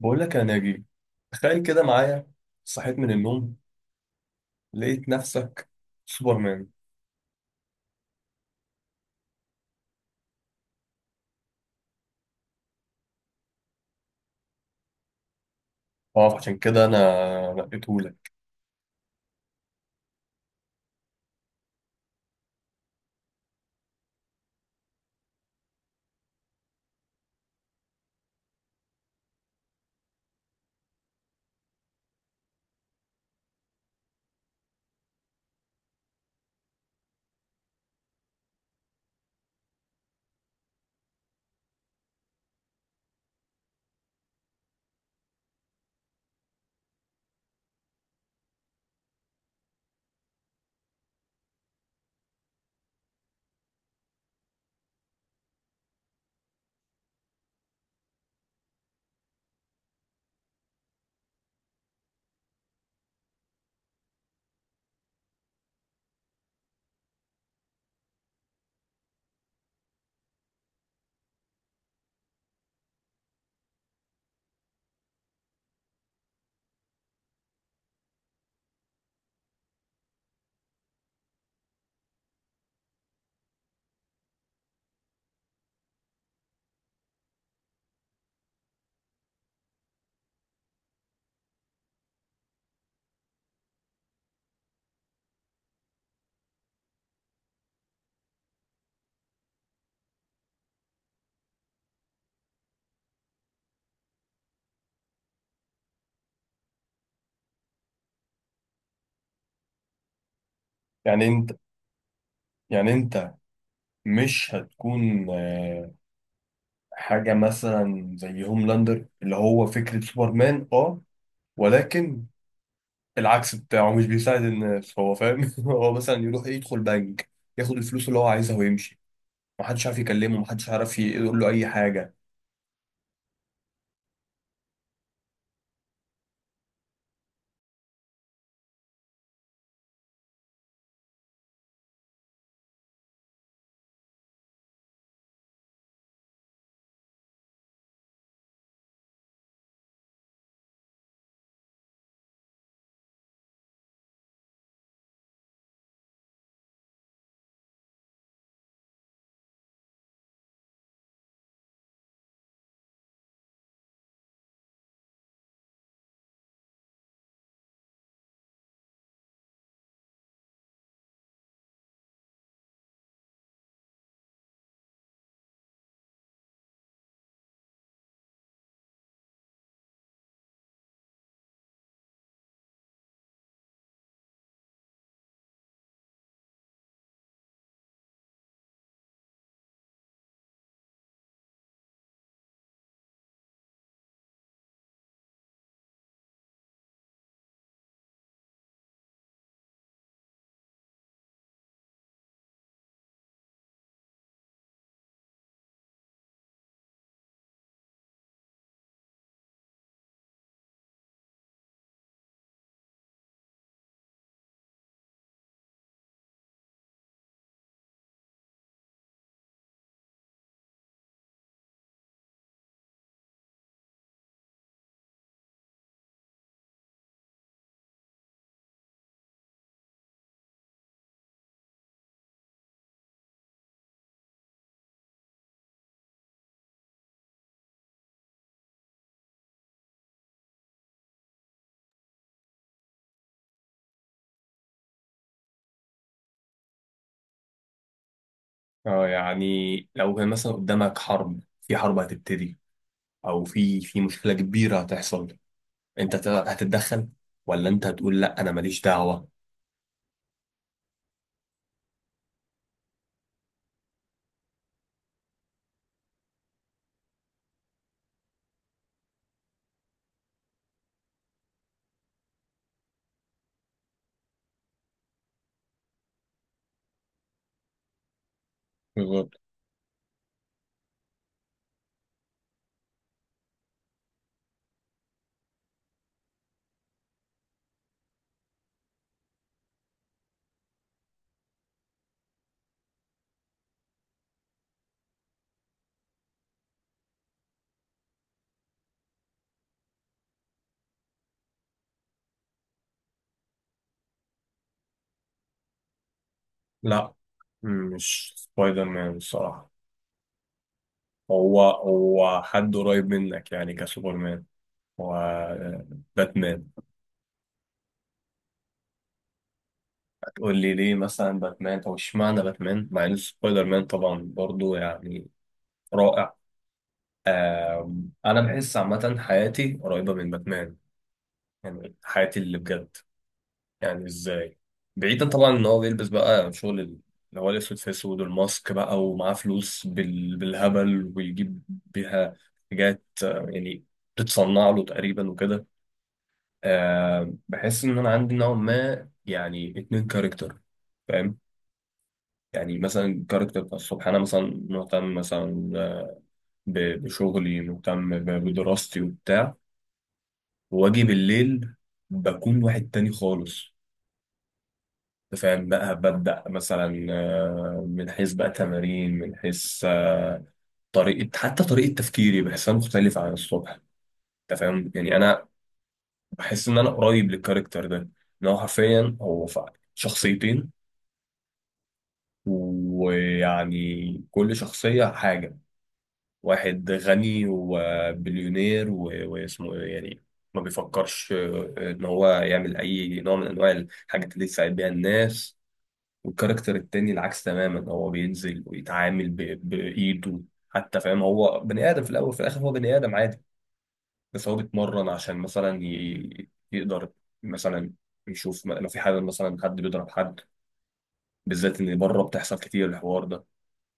بقول لك يا ناجي، تخيل كده معايا. صحيت من النوم لقيت نفسك سوبرمان. اه عشان كده انا نقيته لك. يعني انت يعني انت مش هتكون حاجة مثلا زي هوملاندر، اللي هو فكرة سوبرمان اه، ولكن العكس بتاعه مش بيساعد الناس، هو فاهم؟ هو مثلا يروح يدخل بنك، ياخد الفلوس اللي هو عايزها ويمشي. محدش عارف يكلمه، محدش عارف يقول له اي حاجة. اه يعني لو كان مثلا قدامك حرب، حرب هتبتدي او في مشكله كبيره هتحصل، انت هتتدخل ولا انت هتقول لا انا ماليش دعوه؟ بالظبط. لا مش سبايدر مان الصراحه. هو هو حد قريب منك، يعني كسوبرمان وباتمان. هتقول لي ليه مثلا باتمان او اشمعنى باتمان، مع ان سبايدر مان طبعا برضو يعني رائع. انا بحس عامه حياتي قريبه من باتمان، يعني حياتي اللي بجد. يعني ازاي؟ بعيدا طبعا ان هو بيلبس بقى شغل اللي هو الاسود في اسود والماسك بقى، ومعاه فلوس بالهبل ويجيب بيها حاجات يعني بتتصنع له تقريبا وكده. أه بحس ان انا عندي نوع ما يعني اتنين كاركتر، فاهم؟ يعني مثلا الكاركتر بتاع الصبح، انا مثلا مهتم مثلا، بشغلي، مهتم بدراستي وبتاع. واجي بالليل بكون واحد تاني خالص، فاهم بقى. ببدأ مثلا من حيث بقى تمارين، من حيث طريقة، حتى طريقة تفكيري بحسها مختلفة عن الصبح. انت فاهم يعني، انا بحس ان انا قريب للكاركتر ده. ان هو حرفيا هو شخصيتين، ويعني كل شخصية حاجة. واحد غني وبليونير واسمه إيه يعني، ما بيفكرش ان هو يعمل اي نوع من انواع الحاجات اللي تساعد بيها الناس. والكاركتر التاني العكس تماما، هو بينزل ويتعامل بإيده، حتى فاهم. هو بني آدم في الأول وفي الآخر، هو بني آدم عادي، بس هو بيتمرن عشان مثلا يقدر مثلا يشوف، لو في حاجة مثلا حد بيضرب حد، بالذات إن بره بتحصل كتير الحوار ده.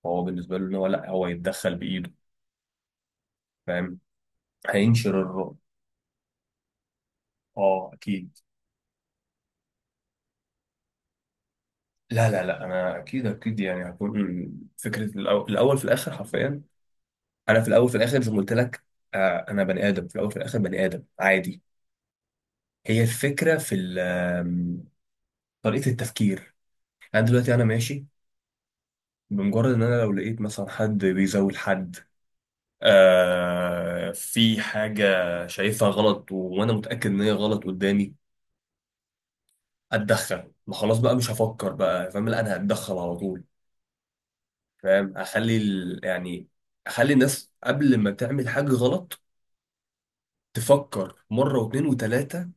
فهو بالنسبة له إن هو لأ، هو يتدخل بإيده، فاهم؟ هينشر الرعب. اه اكيد، لا انا اكيد اكيد، يعني هكون فكره الاول في الاخر حرفيا. انا في الاول في الاخر زي ما قلت لك، انا بني ادم في الاول في الاخر بني ادم عادي. هي الفكرة في طريقة التفكير. أنا دلوقتي ماشي، بمجرد إن أنا لو لقيت مثلا حد بيزول حد، في حاجة شايفها غلط وأنا متأكد إن هي غلط قدامي، أتدخل. ما خلاص بقى مش هفكر بقى، فاهم؟ لا أنا هتدخل على طول، فاهم؟ أخلي يعني أخلي الناس قبل ما تعمل حاجة غلط تفكر مرة واتنين وتلاتة،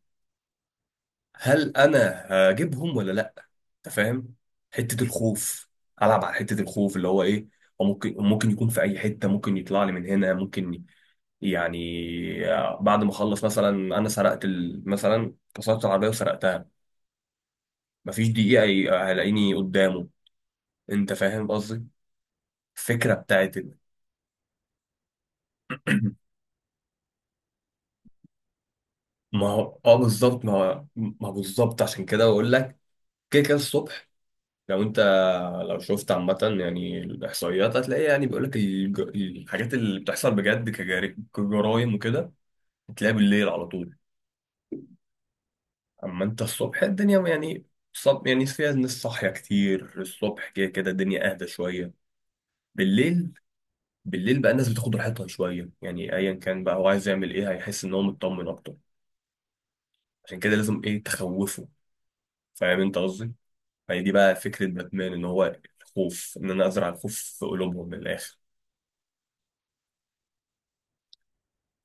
هل انا هجيبهم ولا لا. انت فاهم؟ حته الخوف، العب على حته الخوف، اللي هو ايه، هو ممكن ممكن يكون في اي حته، ممكن يطلع لي من هنا، ممكن يعني بعد ما اخلص مثلا، انا سرقت مثلا كسرت العربيه وسرقتها، مفيش دقيقه هلاقيني قدامه. انت فاهم قصدي؟ الفكره بتاعت ما هو اه بالظبط، ما هو بالظبط، عشان كده بقول لك كده كده الصبح. لو انت لو شفت عامة يعني الإحصائيات، هتلاقي يعني بيقولك الحاجات اللي بتحصل بجد كجرايم وكده، هتلاقيها بالليل على طول. أما انت الصبح الدنيا يعني يعني فيها ناس صاحية كتير الصبح، كده كده الدنيا أهدى شوية بالليل. بالليل بقى الناس بتاخد راحتها شوية، يعني أيا كان بقى هو عايز يعمل إيه هيحس إن هو مطمن أكتر. عشان كده لازم إيه، تخوفه. فاهم انت قصدي؟ فهي دي بقى فكرة باتمان، إن هو الخوف، إن أنا أزرع الخوف في قلوبهم من الآخر.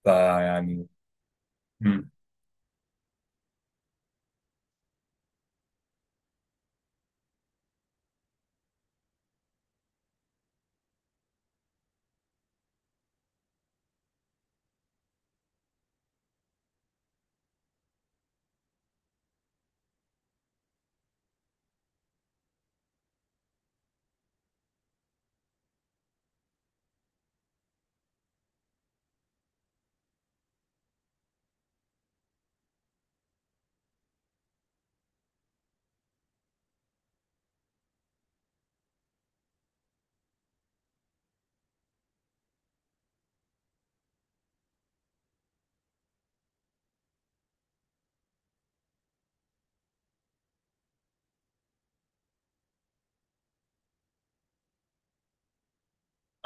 فيعني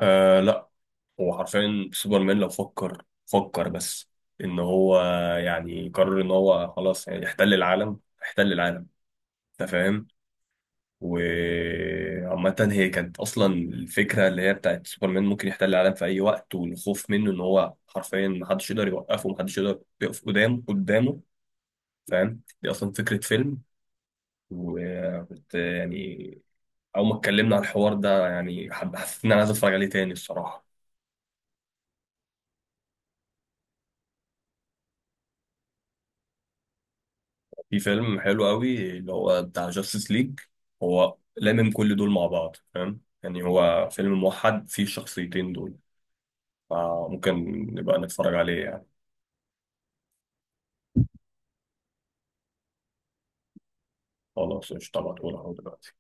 آه لا، هو حرفيا سوبرمان لو فكر، فكر بس ان هو يعني قرر ان هو خلاص يعني يحتل العالم، احتل العالم. انت فاهم؟ وعامة هي كانت اصلا الفكرة اللي هي بتاعت سوبرمان، ممكن يحتل العالم في اي وقت، والخوف منه ان هو حرفيا محدش يقدر يوقفه، محدش يقدر يقف قدامه، فاهم؟ دي اصلا فكرة فيلم، وكنت يعني اول ما اتكلمنا على الحوار ده يعني حسيت ان انا عايز اتفرج عليه تاني الصراحة. في فيلم حلو قوي اللي هو بتاع جاستس ليج، هو لامم كل دول مع بعض، فاهم يعني هو فيلم موحد فيه الشخصيتين دول، فممكن نبقى نتفرج عليه يعني. خلاص قشطة، هبعتهولك اهو دلوقتي.